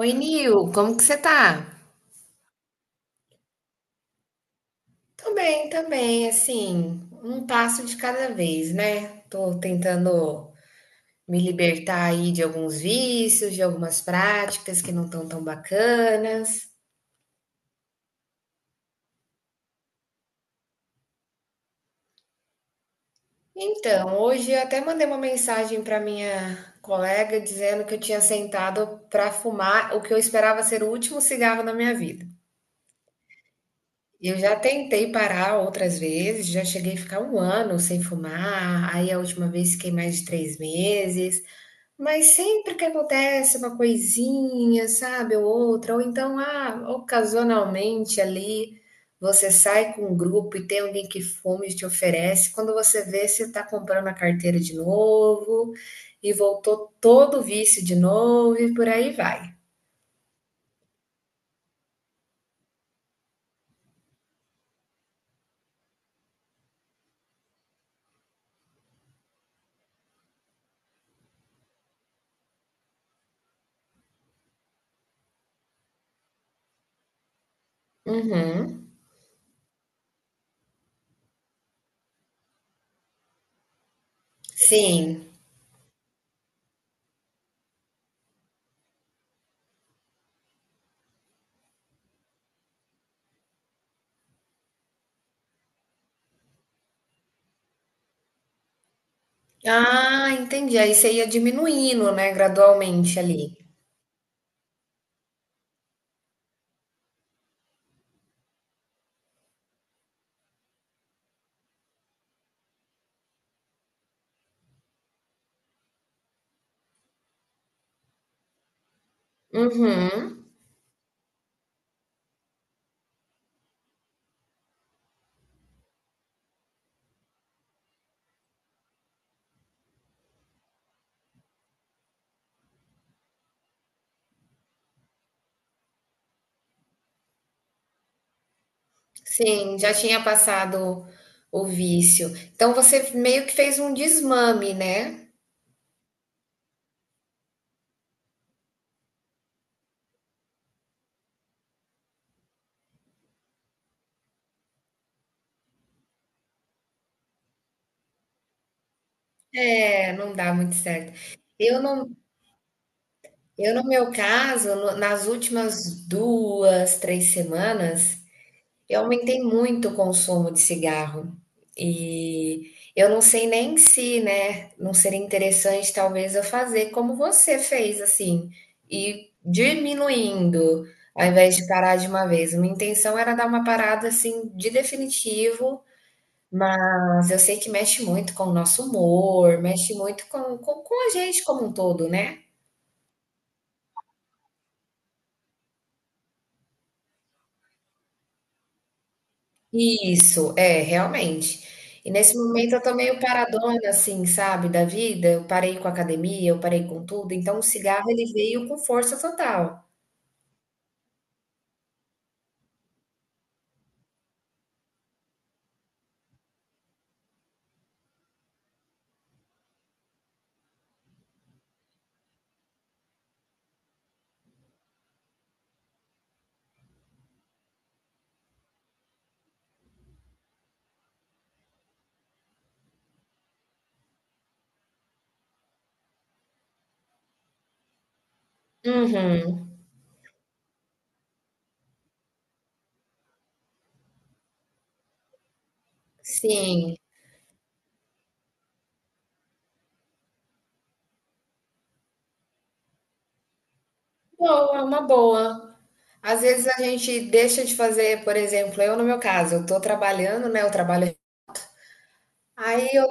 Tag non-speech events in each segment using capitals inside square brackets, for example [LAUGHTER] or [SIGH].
Oi, Nil, como que você tá? Tô bem, também, assim, um passo de cada vez, né? Tô tentando me libertar aí de alguns vícios, de algumas práticas que não estão tão bacanas. Então, hoje eu até mandei uma mensagem para minha colega dizendo que eu tinha sentado para fumar o que eu esperava ser o último cigarro da minha vida. Eu já tentei parar outras vezes, já cheguei a ficar um ano sem fumar, aí a última vez fiquei mais de três meses. Mas sempre que acontece uma coisinha, sabe, ou outra, ou então, ocasionalmente ali, você sai com um grupo e tem alguém que fuma e te oferece. Quando você vê, você está comprando a carteira de novo e voltou todo o vício de novo e por aí vai. Uhum. Sim. Ah, entendi. Aí você ia diminuindo, né, gradualmente ali. Uhum. Sim, já tinha passado o vício. Então você meio que fez um desmame, né? É, não dá muito certo. Eu no eu no meu caso, no nas últimas 2 3 semanas eu aumentei muito o consumo de cigarro e eu não sei nem se, né, não seria interessante talvez eu fazer como você fez, assim, e diminuindo ao invés de parar de uma vez. Minha intenção era dar uma parada assim de definitivo, mas eu sei que mexe muito com o nosso humor, mexe muito com a gente como um todo, né? Isso, é, realmente. E nesse momento eu tô meio paradona, assim, sabe, da vida. Eu parei com a academia, eu parei com tudo. Então o cigarro ele veio com força total. Uhum, sim. Boa, uma boa. Às vezes a gente deixa de fazer, por exemplo, eu no meu caso, eu tô trabalhando, né? Eu trabalho. Aí eu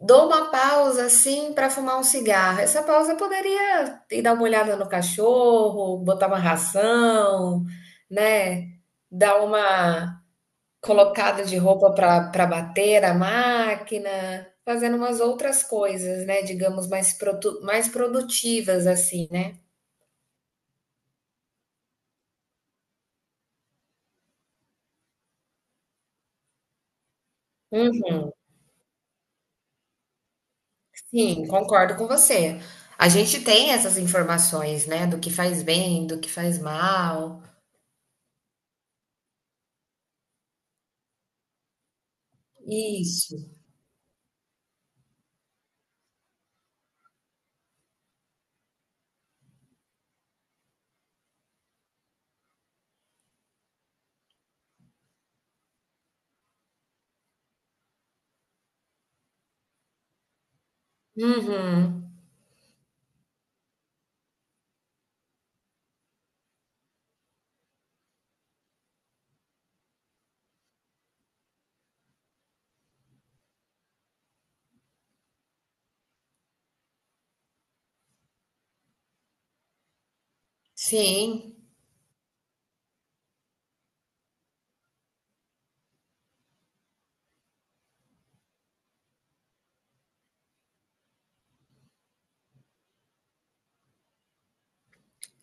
dou uma pausa assim para fumar um cigarro. Essa pausa eu poderia ir dar uma olhada no cachorro, botar uma ração, né? Dar uma colocada de roupa para bater a máquina, fazendo umas outras coisas, né? Digamos mais produtivas assim, né? Uhum, sim, concordo com você. A gente tem essas informações, né? Do que faz bem, do que faz mal. Isso. Uhum. Sim,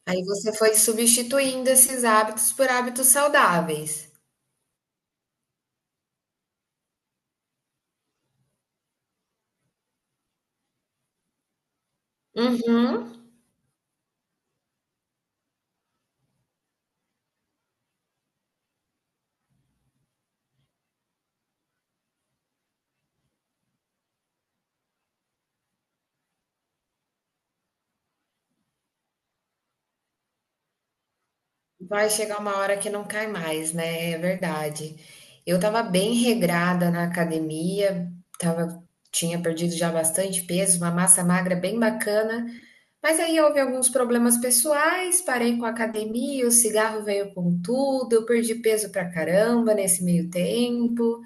aí você foi substituindo esses hábitos por hábitos saudáveis. Uhum. Vai chegar uma hora que não cai mais, né, é verdade. Eu tava bem regrada na academia, tava, tinha perdido já bastante peso, uma massa magra bem bacana, mas aí houve alguns problemas pessoais, parei com a academia, o cigarro veio com tudo, eu perdi peso pra caramba nesse meio tempo.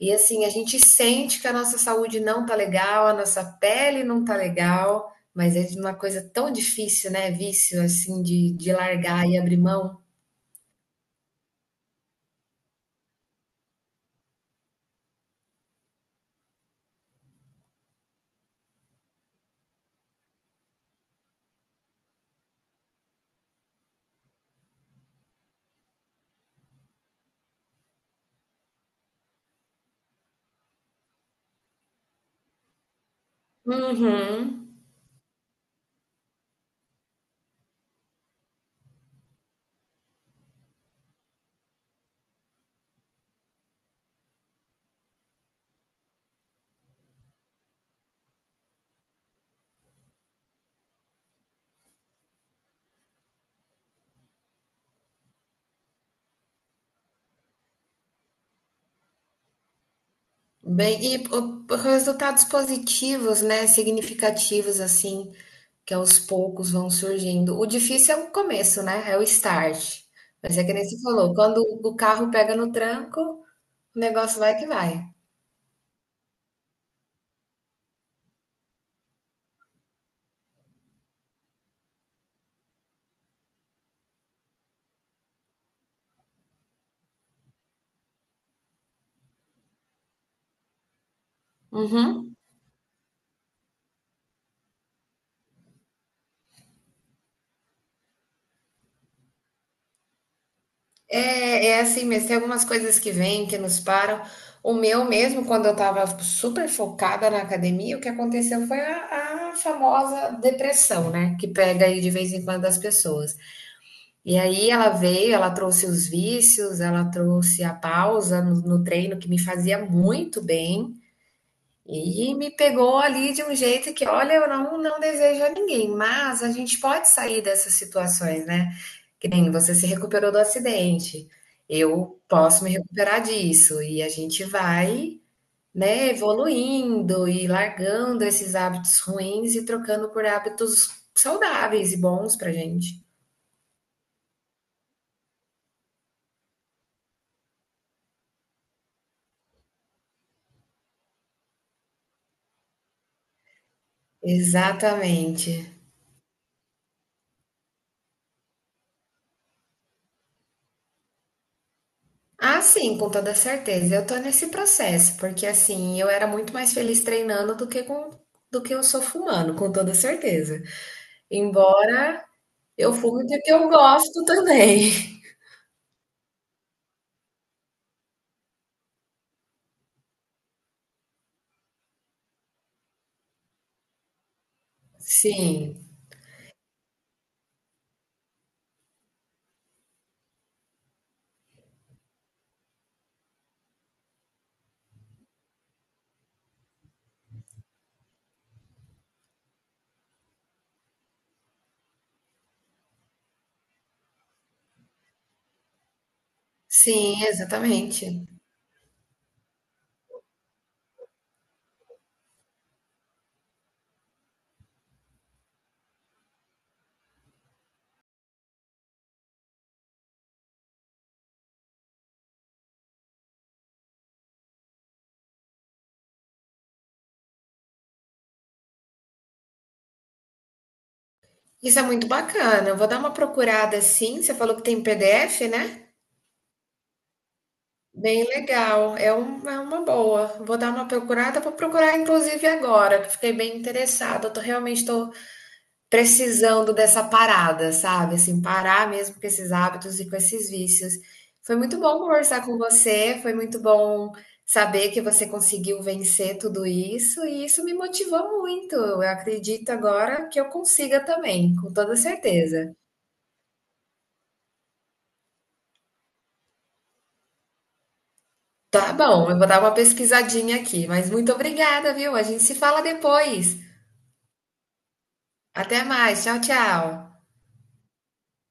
E assim, a gente sente que a nossa saúde não tá legal, a nossa pele não tá legal, mas é uma coisa tão difícil, né? Vício, assim, de largar e abrir mão. Uhum. Bem, e resultados positivos, né? Significativos, assim, que aos poucos vão surgindo. O difícil é o começo, né? É o start. Mas é que nem você falou, quando o carro pega no tranco, o negócio vai que vai. Uhum. É, é assim mesmo. Tem algumas coisas que vêm, que nos param. O meu mesmo, quando eu tava super focada na academia, o que aconteceu foi a famosa depressão, né? Que pega aí de vez em quando as pessoas. E aí ela veio, ela trouxe os vícios, ela trouxe a pausa no treino, que me fazia muito bem. E me pegou ali de um jeito que, olha, eu não desejo a ninguém, mas a gente pode sair dessas situações, né? Que nem você se recuperou do acidente, eu posso me recuperar disso. E a gente vai, né, evoluindo e largando esses hábitos ruins e trocando por hábitos saudáveis e bons pra gente. Exatamente. Ah, sim, com toda certeza. Eu tô nesse processo, porque assim, eu era muito mais feliz treinando do que eu sou fumando, com toda certeza. Embora eu fume porque eu gosto também. [LAUGHS] Sim. Sim, exatamente. Isso é muito bacana. Eu vou dar uma procurada sim. Você falou que tem PDF, né? Bem legal. É, um, é uma boa. Vou dar uma procurada. Vou procurar, inclusive, agora, que fiquei bem interessada. Eu tô, realmente estou precisando dessa parada, sabe, assim, parar mesmo com esses hábitos e com esses vícios. Foi muito bom conversar com você, foi muito bom saber que você conseguiu vencer tudo isso e isso me motivou muito. Eu acredito agora que eu consiga também, com toda certeza. Tá bom, eu vou dar uma pesquisadinha aqui, mas muito obrigada, viu? A gente se fala depois. Até mais, tchau, tchau.